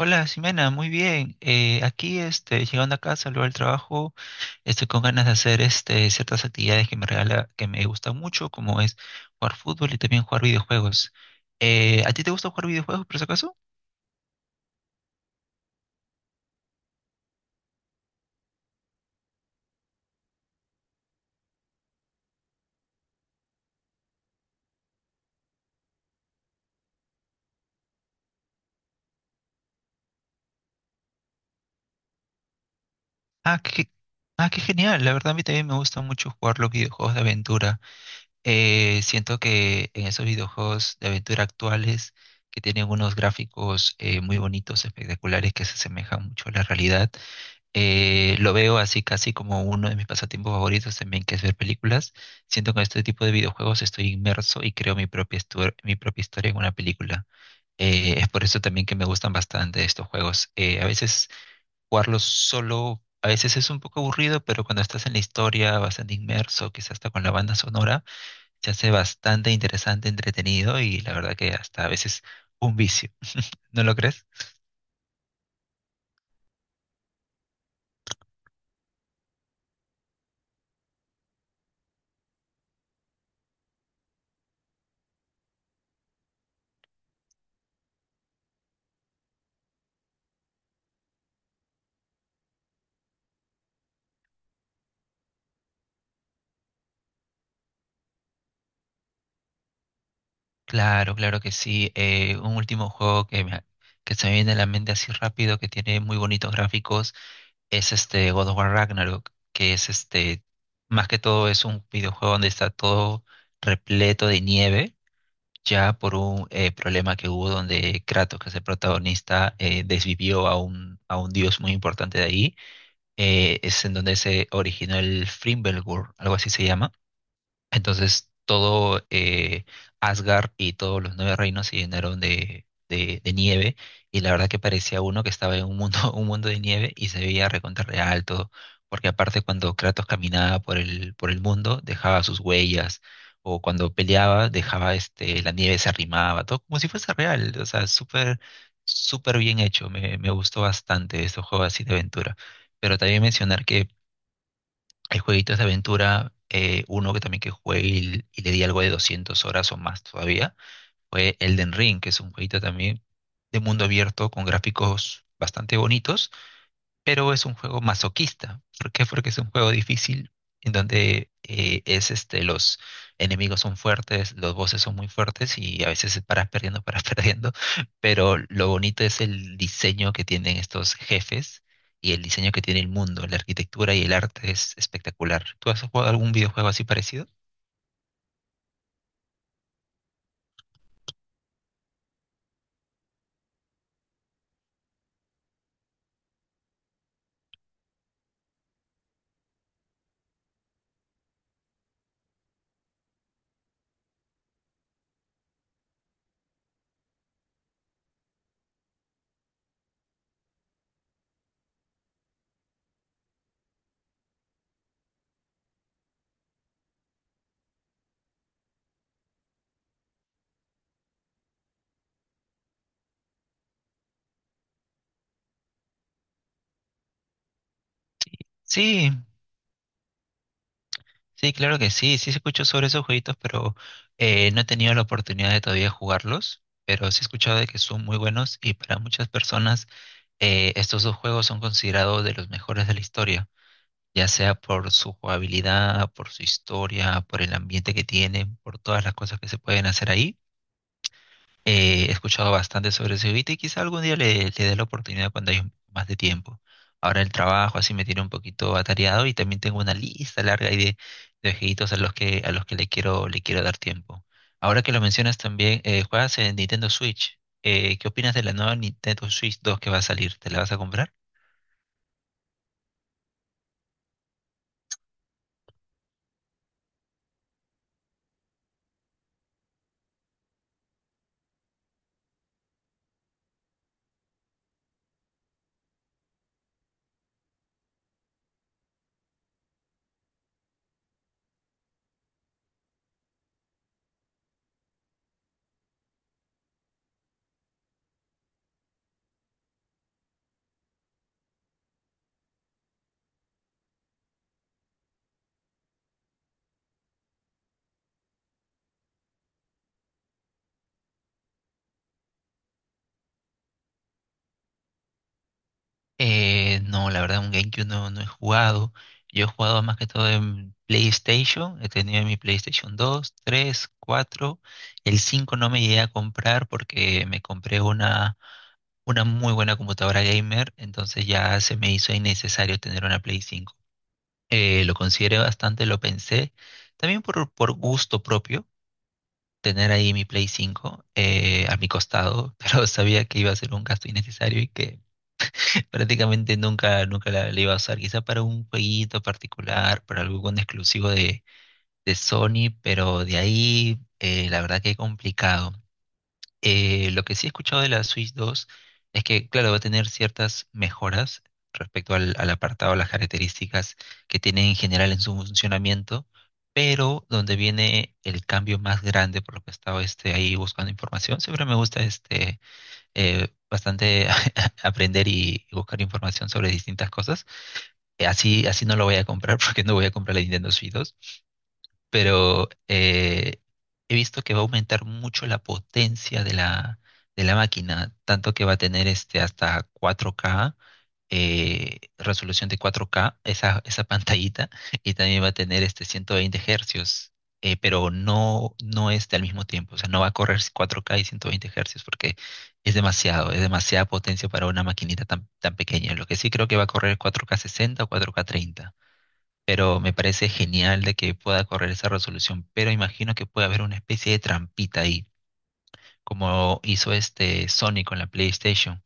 Hola, Ximena, muy bien. Aquí, llegando a casa luego del trabajo, estoy con ganas de hacer ciertas actividades que me regala, que me gustan mucho, como es jugar fútbol y también jugar videojuegos. ¿A ti te gusta jugar videojuegos, por si acaso? Ah, qué, ah, qué genial. La verdad, a mí también me gusta mucho jugar los videojuegos de aventura. Siento que en esos videojuegos de aventura actuales, que tienen unos gráficos muy bonitos, espectaculares, que se asemejan mucho a la realidad. Lo veo así casi como uno de mis pasatiempos favoritos también, que es ver películas. Siento que con este tipo de videojuegos estoy inmerso y creo mi propia historia en una película. Es por eso también que me gustan bastante estos juegos. A veces jugarlos solo, a veces es un poco aburrido, pero cuando estás en la historia bastante inmerso, quizás hasta con la banda sonora, se hace bastante interesante, entretenido y la verdad que hasta a veces un vicio. ¿No lo crees? Claro, claro que sí. Un último juego que se me viene a la mente así rápido, que tiene muy bonitos gráficos, es este God of War Ragnarok, que es más que todo es un videojuego donde está todo repleto de nieve, ya por un problema que hubo donde Kratos, que es el protagonista, desvivió a un dios muy importante de ahí. Es en donde se originó el Fimbulgur, algo así se llama. Entonces, todo, Asgard y todos los nueve reinos se llenaron de nieve. Y la verdad que parecía uno que estaba en un mundo, un mundo de nieve y se veía recontra real todo. Porque aparte cuando Kratos caminaba por el mundo, dejaba sus huellas. O cuando peleaba, dejaba la nieve, se arrimaba, todo como si fuese real. O sea, súper, súper bien hecho. Me gustó bastante estos juegos así de aventura. Pero también mencionar que hay jueguitos de aventura, uno que también que jugué y le di algo de 200 horas o más todavía, fue Elden Ring, que es un jueguito también de mundo abierto con gráficos bastante bonitos, pero es un juego masoquista. ¿Por qué? Porque es un juego difícil en donde los enemigos son fuertes, los bosses son muy fuertes y a veces paras perdiendo, paras perdiendo, pero lo bonito es el diseño que tienen estos jefes y el diseño que tiene el mundo, la arquitectura y el arte es espectacular. ¿Tú has jugado algún videojuego así parecido? Sí. Sí, claro que sí, sí se escuchó sobre esos jueguitos, pero no he tenido la oportunidad de todavía jugarlos, pero sí he escuchado de que son muy buenos, y para muchas personas estos dos juegos son considerados de los mejores de la historia, ya sea por su jugabilidad, por su historia, por el ambiente que tienen, por todas las cosas que se pueden hacer ahí. He escuchado bastante sobre ese beat y quizá algún día le dé la oportunidad cuando hay un poco más de tiempo. Ahora el trabajo así me tiene un poquito atareado, y también tengo una lista larga ahí de jueguitos a los que le quiero dar tiempo. Ahora que lo mencionas también, juegas en Nintendo Switch. ¿Qué opinas de la nueva Nintendo Switch 2 que va a salir? ¿Te la vas a comprar? No, la verdad, un GameCube no, no he jugado. Yo he jugado más que todo en PlayStation. He tenido mi PlayStation 2, 3, 4. El 5 no me llegué a comprar porque me compré una muy buena computadora gamer. Entonces ya se me hizo innecesario tener una Play 5. Lo consideré bastante, lo pensé. También por gusto propio, tener ahí mi Play 5, a mi costado. Pero sabía que iba a ser un gasto innecesario y que prácticamente nunca, nunca la iba a usar. Quizá para un jueguito particular, para algún exclusivo de Sony, pero de ahí, la verdad que complicado. Lo que sí he escuchado de la Switch 2 es que, claro, va a tener ciertas mejoras respecto al apartado, las características que tiene en general en su funcionamiento, pero donde viene el cambio más grande, por lo que he estado, ahí buscando información, siempre me gusta bastante aprender y buscar información sobre distintas cosas. Así, así no lo voy a comprar porque no voy a comprar la Nintendo Switch, pero he visto que va a aumentar mucho la potencia de la máquina, tanto que va a tener hasta 4K, resolución de 4K, esa pantallita, y también va a tener 120 hercios, pero no, no este al mismo tiempo, o sea, no va a correr 4K y 120 hercios porque es demasiado, es demasiada potencia para una maquinita tan, tan pequeña. Lo que sí creo que va a correr 4K 60 o 4K 30, pero me parece genial de que pueda correr esa resolución, pero imagino que puede haber una especie de trampita ahí, como hizo este Sony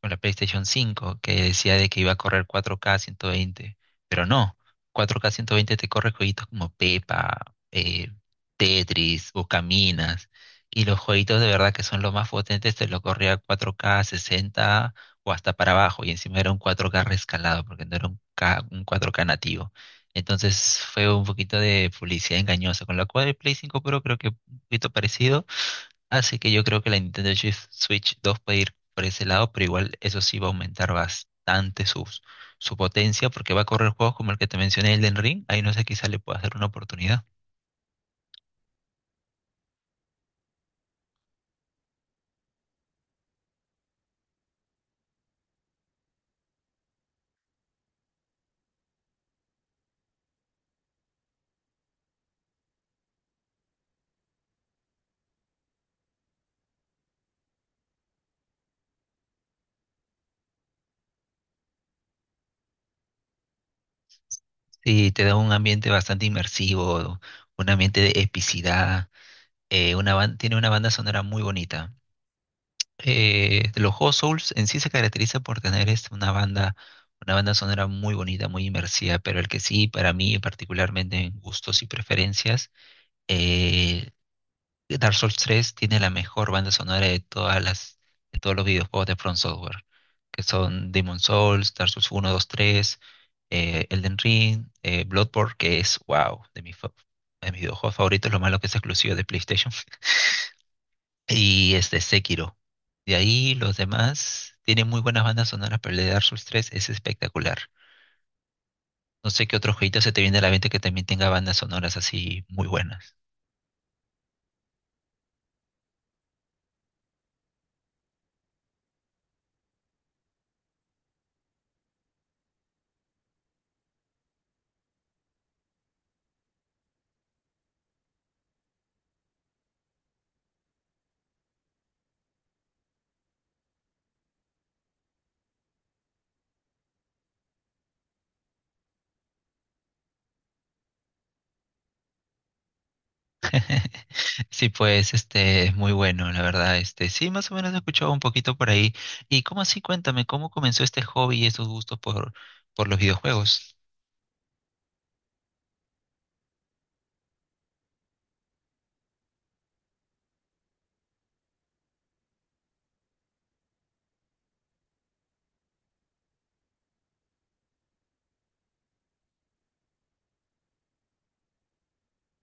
con la PlayStation 5, que decía de que iba a correr 4K 120, pero no, 4K 120 te corre jueguitos como Pepa, Tetris o Caminas, y los jueguitos de verdad que son los más potentes te lo corría 4K 60 o hasta para abajo, y encima era un 4K rescalado, porque no era un 4K nativo. Entonces fue un poquito de publicidad engañosa, con la cual el Play 5 Pro creo que un poquito parecido. Así que yo creo que la Nintendo Switch 2 puede ir por ese lado, pero igual eso sí va a aumentar bastante su potencia porque va a correr juegos como el que te mencioné, el Elden Ring. Ahí no sé, quizá le pueda hacer una oportunidad. Sí, te da un ambiente bastante inmersivo, un ambiente de epicidad. Tiene una banda sonora muy bonita. Los juegos Souls en sí se caracteriza por tener una banda sonora muy bonita, muy inmersiva, pero el que sí, para mí particularmente en gustos y preferencias, eh, Dark Souls 3 tiene la mejor banda sonora de todos los videojuegos de From Software, que son Demon Souls, Dark Souls 1, 2, 3, Elden Ring, Bloodborne, que es wow, de mis videojuegos favoritos. Lo malo que es exclusivo de PlayStation, y este Sekiro. De ahí los demás tienen muy buenas bandas sonoras, pero el de Dark Souls 3 es espectacular. No sé qué otro jueguito se te viene a la mente que también tenga bandas sonoras así muy buenas. Sí, pues, es muy bueno, la verdad, sí, más o menos he escuchado un poquito por ahí. ¿Y cómo así? Cuéntame, ¿cómo comenzó este hobby y esos gustos por los videojuegos?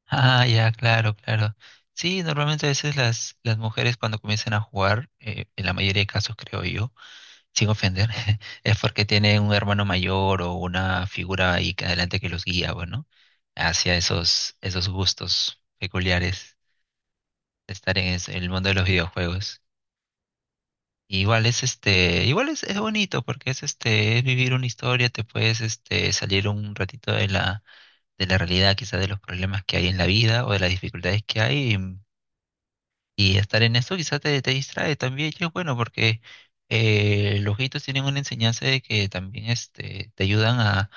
Ah, ya, claro, claro. Sí, normalmente a veces las mujeres cuando comienzan a jugar, en la mayoría de casos creo yo, sin ofender, es porque tienen un hermano mayor o una figura ahí que adelante que los guía, bueno, hacia esos gustos peculiares de estar en el mundo de los videojuegos. Igual es es bonito porque es es vivir una historia, te puedes salir un ratito de la realidad, quizás de los problemas que hay en la vida o de las dificultades que hay, y estar en eso quizás te distrae también, y es bueno porque los jueguitos tienen una enseñanza de que también te ayudan a,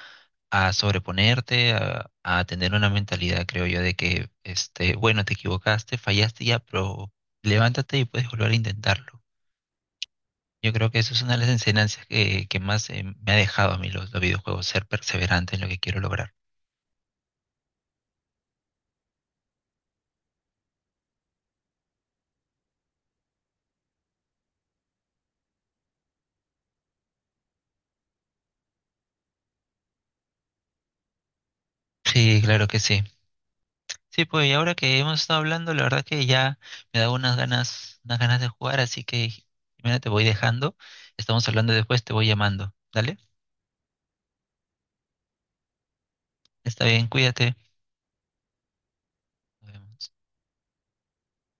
a sobreponerte, a tener una mentalidad, creo yo, de que bueno, te equivocaste, fallaste ya, pero levántate y puedes volver a intentarlo. Yo creo que eso es una de las enseñanzas que más, me ha dejado a mí los videojuegos, ser perseverante en lo que quiero lograr. Sí, claro que sí. Sí, pues y ahora que hemos estado hablando, la verdad que ya me da unas ganas de jugar, así que Jimena, te voy dejando. Estamos hablando después, te voy llamando. ¿Dale? Está bien, cuídate. Nos vemos.